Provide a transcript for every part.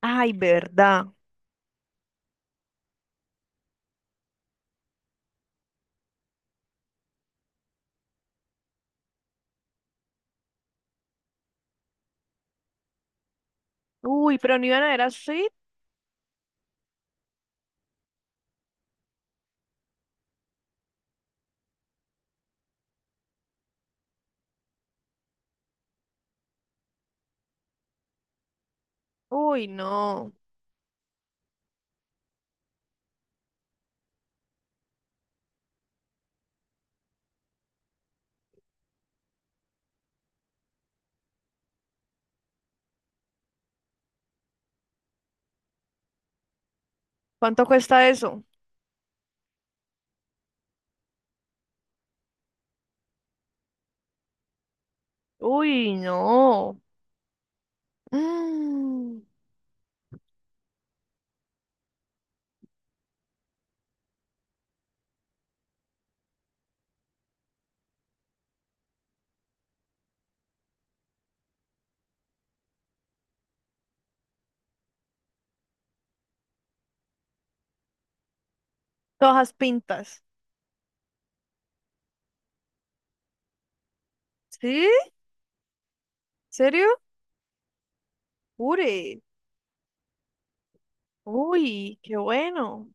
Ay, verdad. Uy, pero no iban a ver así. Uy, no. ¿Cuánto cuesta eso? Uy, no. Mm, todas pintas. ¿Sí? ¿Serio? Ure. Uy, qué bueno.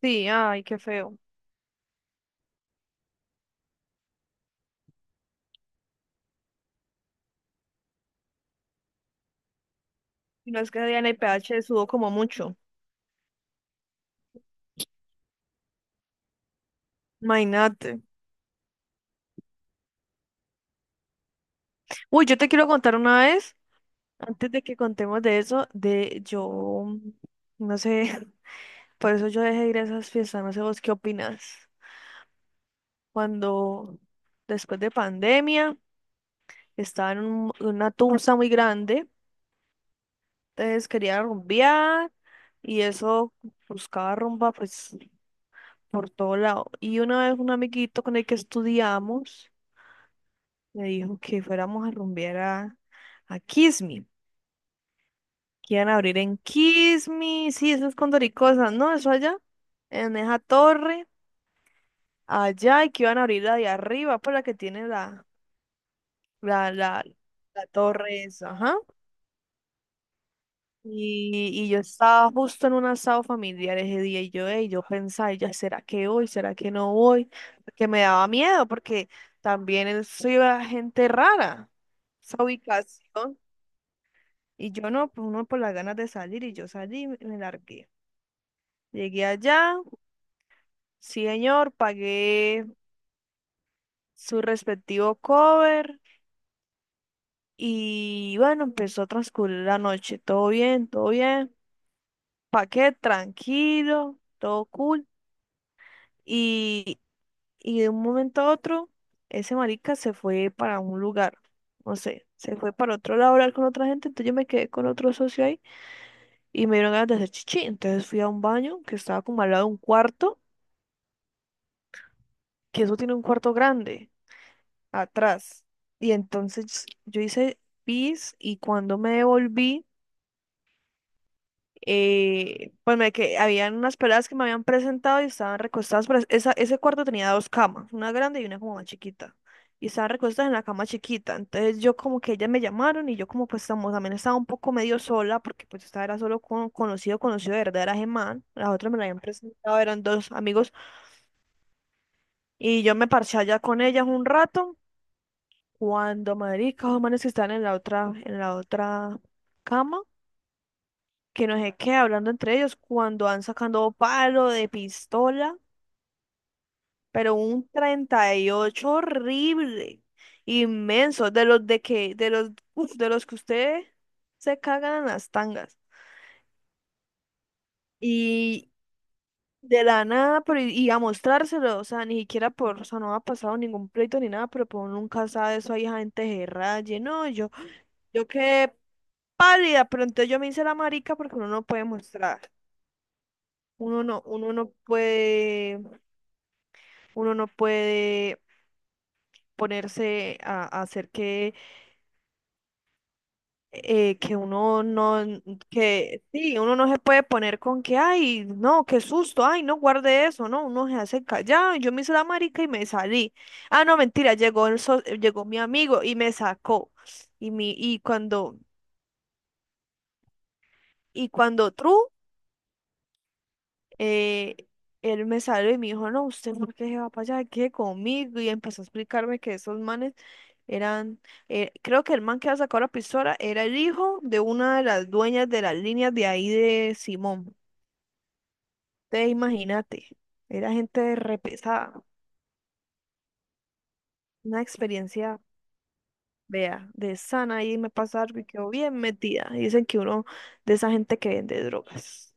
Sí, ay, qué feo. Y no es que Diana y PH sudó como mucho. Imagínate. Uy, yo te quiero contar una vez, antes de que contemos de eso, de yo, no sé, por eso yo dejé de ir a esas fiestas, no sé vos qué opinas. Cuando después de pandemia estaba en una tusa muy grande, entonces quería rumbear y eso, buscaba rumba pues por todo lado. Y una vez un amiguito con el que estudiamos me dijo que fuéramos a rumbear a Kismi, que iban a abrir en Kismi. Sí, eso es Condoricosas, ¿no? Eso allá, en esa torre, allá, y que iban a abrir la de arriba, por la que tiene la, la, la, la torre esa, ajá. Y yo estaba justo en un asado familiar ese día y yo, ey, yo pensaba, y ya, ¿será que voy? ¿Será que no voy? Porque me daba miedo, porque también eso iba gente rara, esa ubicación. Y yo no, pues uno por las ganas de salir y yo salí y me largué. Llegué allá, sí señor, pagué su respectivo cover y bueno, empezó a transcurrir la noche, todo bien, paqué tranquilo, todo cool. Y, y de un momento a otro, ese marica se fue para un lugar, no sé, se fue para otro lado a hablar con otra gente, entonces yo me quedé con otro socio ahí y me dieron ganas de hacer chichi, entonces fui a un baño que estaba como al lado de un cuarto, que eso tiene un cuarto grande atrás, y entonces yo hice pis y cuando me devolví pues me que habían unas peladas que me habían presentado y estaban recostadas, pero esa, ese cuarto tenía dos camas, una grande y una como más chiquita. Y estaban recostadas en la cama chiquita. Entonces yo como que ellas me llamaron y yo como pues estamos, también estaba un poco medio sola porque pues estaba era solo con conocido, conocido de verdad era Gemán. Las otras me la habían presentado, eran dos amigos. Y yo me parché allá con ellas un rato. Cuando marica, los manes que estaban en la otra cama que no sé qué, hablando entre ellos, cuando van sacando palo de pistola, pero un 38 horrible, inmenso, de los de que, de los, uf, de los que ustedes se cagan en las tangas. Y de la nada, pero y a mostrárselo, o sea, ni siquiera por, o sea, no ha pasado ningún pleito ni nada, pero pues uno nunca sabe eso, hay gente que raye, no, yo quedé pálida, pero entonces yo me hice la marica porque uno no puede mostrar, uno no, uno no puede ponerse a hacer que uno no, que sí, uno no se puede poner con que, ay, no, qué susto, ay, no guarde eso, no, uno se hace callado, yo me hice la marica y me salí. Ah, no, mentira, llegó el llegó mi amigo y me sacó. Y mi, y cuando tru eh, él me salió y me dijo, no, usted por qué se va para allá, quede conmigo. Y empezó a explicarme que esos manes eran, creo que el man que había sacado la pistola era el hijo de una de las dueñas de las líneas de ahí de Simón. Te imagínate, era gente repesada, una experiencia, vea, de sana y me pasa algo y quedó bien metida. Dicen que uno de esa gente que vende drogas.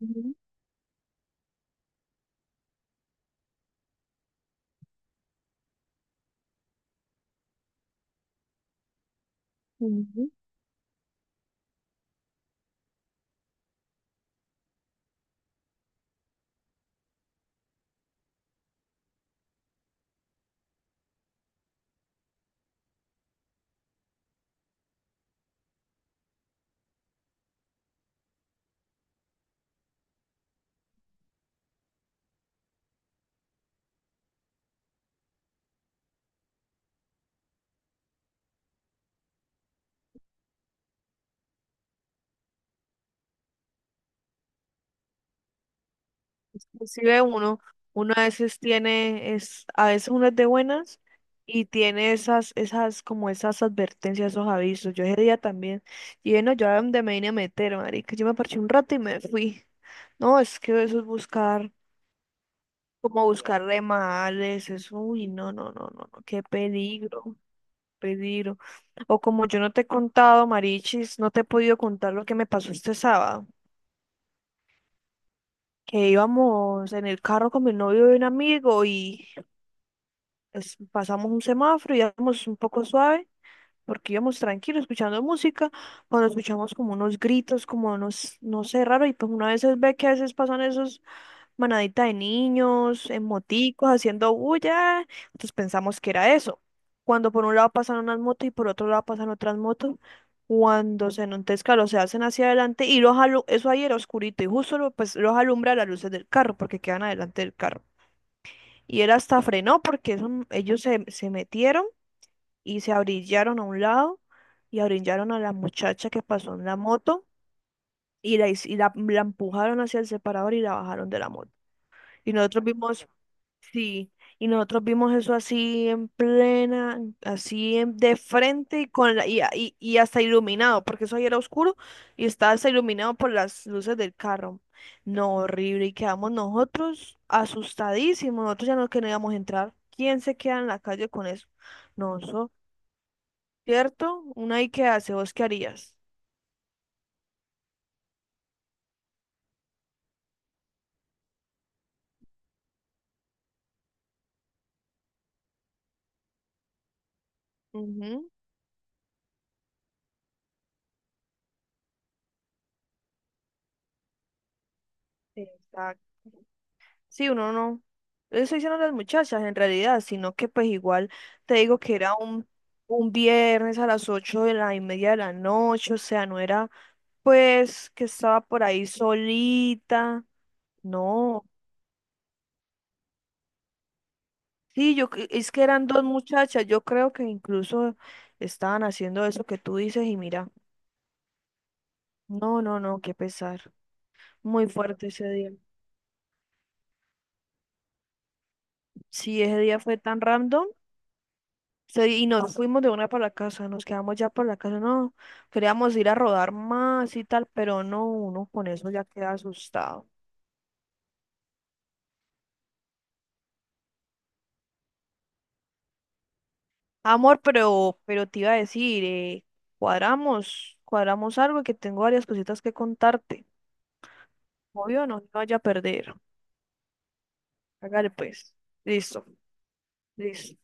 Ujú, ujú. Inclusive uno, uno a veces tiene, es, a veces uno es de buenas y tiene esas, esas, como esas advertencias, esos avisos. Yo ese día también, y bueno, yo a donde me vine a meter, marica, yo me parché un rato y me fui. No, es que eso es buscar, como buscar remales, eso, uy, no, no, no, no, no, qué peligro, peligro. O como yo no te he contado, Marichis, no te he podido contar lo que me pasó este sábado, que íbamos en el carro con mi novio y un amigo y... pasamos un semáforo y íbamos un poco suave, porque íbamos tranquilos escuchando música, cuando escuchamos como unos gritos, como unos, no sé, raro, y pues uno a veces ve que a veces pasan esos manaditas de niños, en moticos, haciendo bulla, entonces pensamos que era eso. Cuando por un lado pasan unas motos y por otro lado pasan otras motos, cuando se enlontezca, los se hacen hacia adelante y los eso ahí era oscurito y justo pues los alumbra las luces del carro porque quedan adelante del carro. Y él hasta frenó porque eso, ellos se, se metieron y se abrillaron a un lado y abrillaron a la muchacha que pasó en la moto y la, y la empujaron hacia el separador y la bajaron de la moto. Y nosotros vimos. Sí, y nosotros vimos eso así en plena, así de frente y con la, y hasta iluminado, porque eso ahí era oscuro y estaba hasta iluminado por las luces del carro. No, horrible, y quedamos nosotros asustadísimos, nosotros ya no queríamos entrar. ¿Quién se queda en la calle con eso? No, eso, ¿cierto? Una y qué hace, ¿vos qué harías? Ujú, exacto. Sí, uno no. Eso estoy diciendo las muchachas en realidad, sino que pues igual te digo que era un viernes a las ocho de la y media de la noche, o sea, no era pues que estaba por ahí solita, no. Sí, es que eran dos muchachas, yo creo que incluso estaban haciendo eso que tú dices y mira, no, no, no, qué pesar. Muy fuerte ese día. Sí, ese día fue tan random. Sí, y nos fuimos de una para la casa, nos quedamos ya para la casa, no, queríamos ir a rodar más y tal, pero no, uno con eso ya queda asustado. Amor, pero te iba a decir, cuadramos, cuadramos algo que tengo varias cositas que contarte. Obvio, no te vaya a perder. Hágale pues. Listo, listo.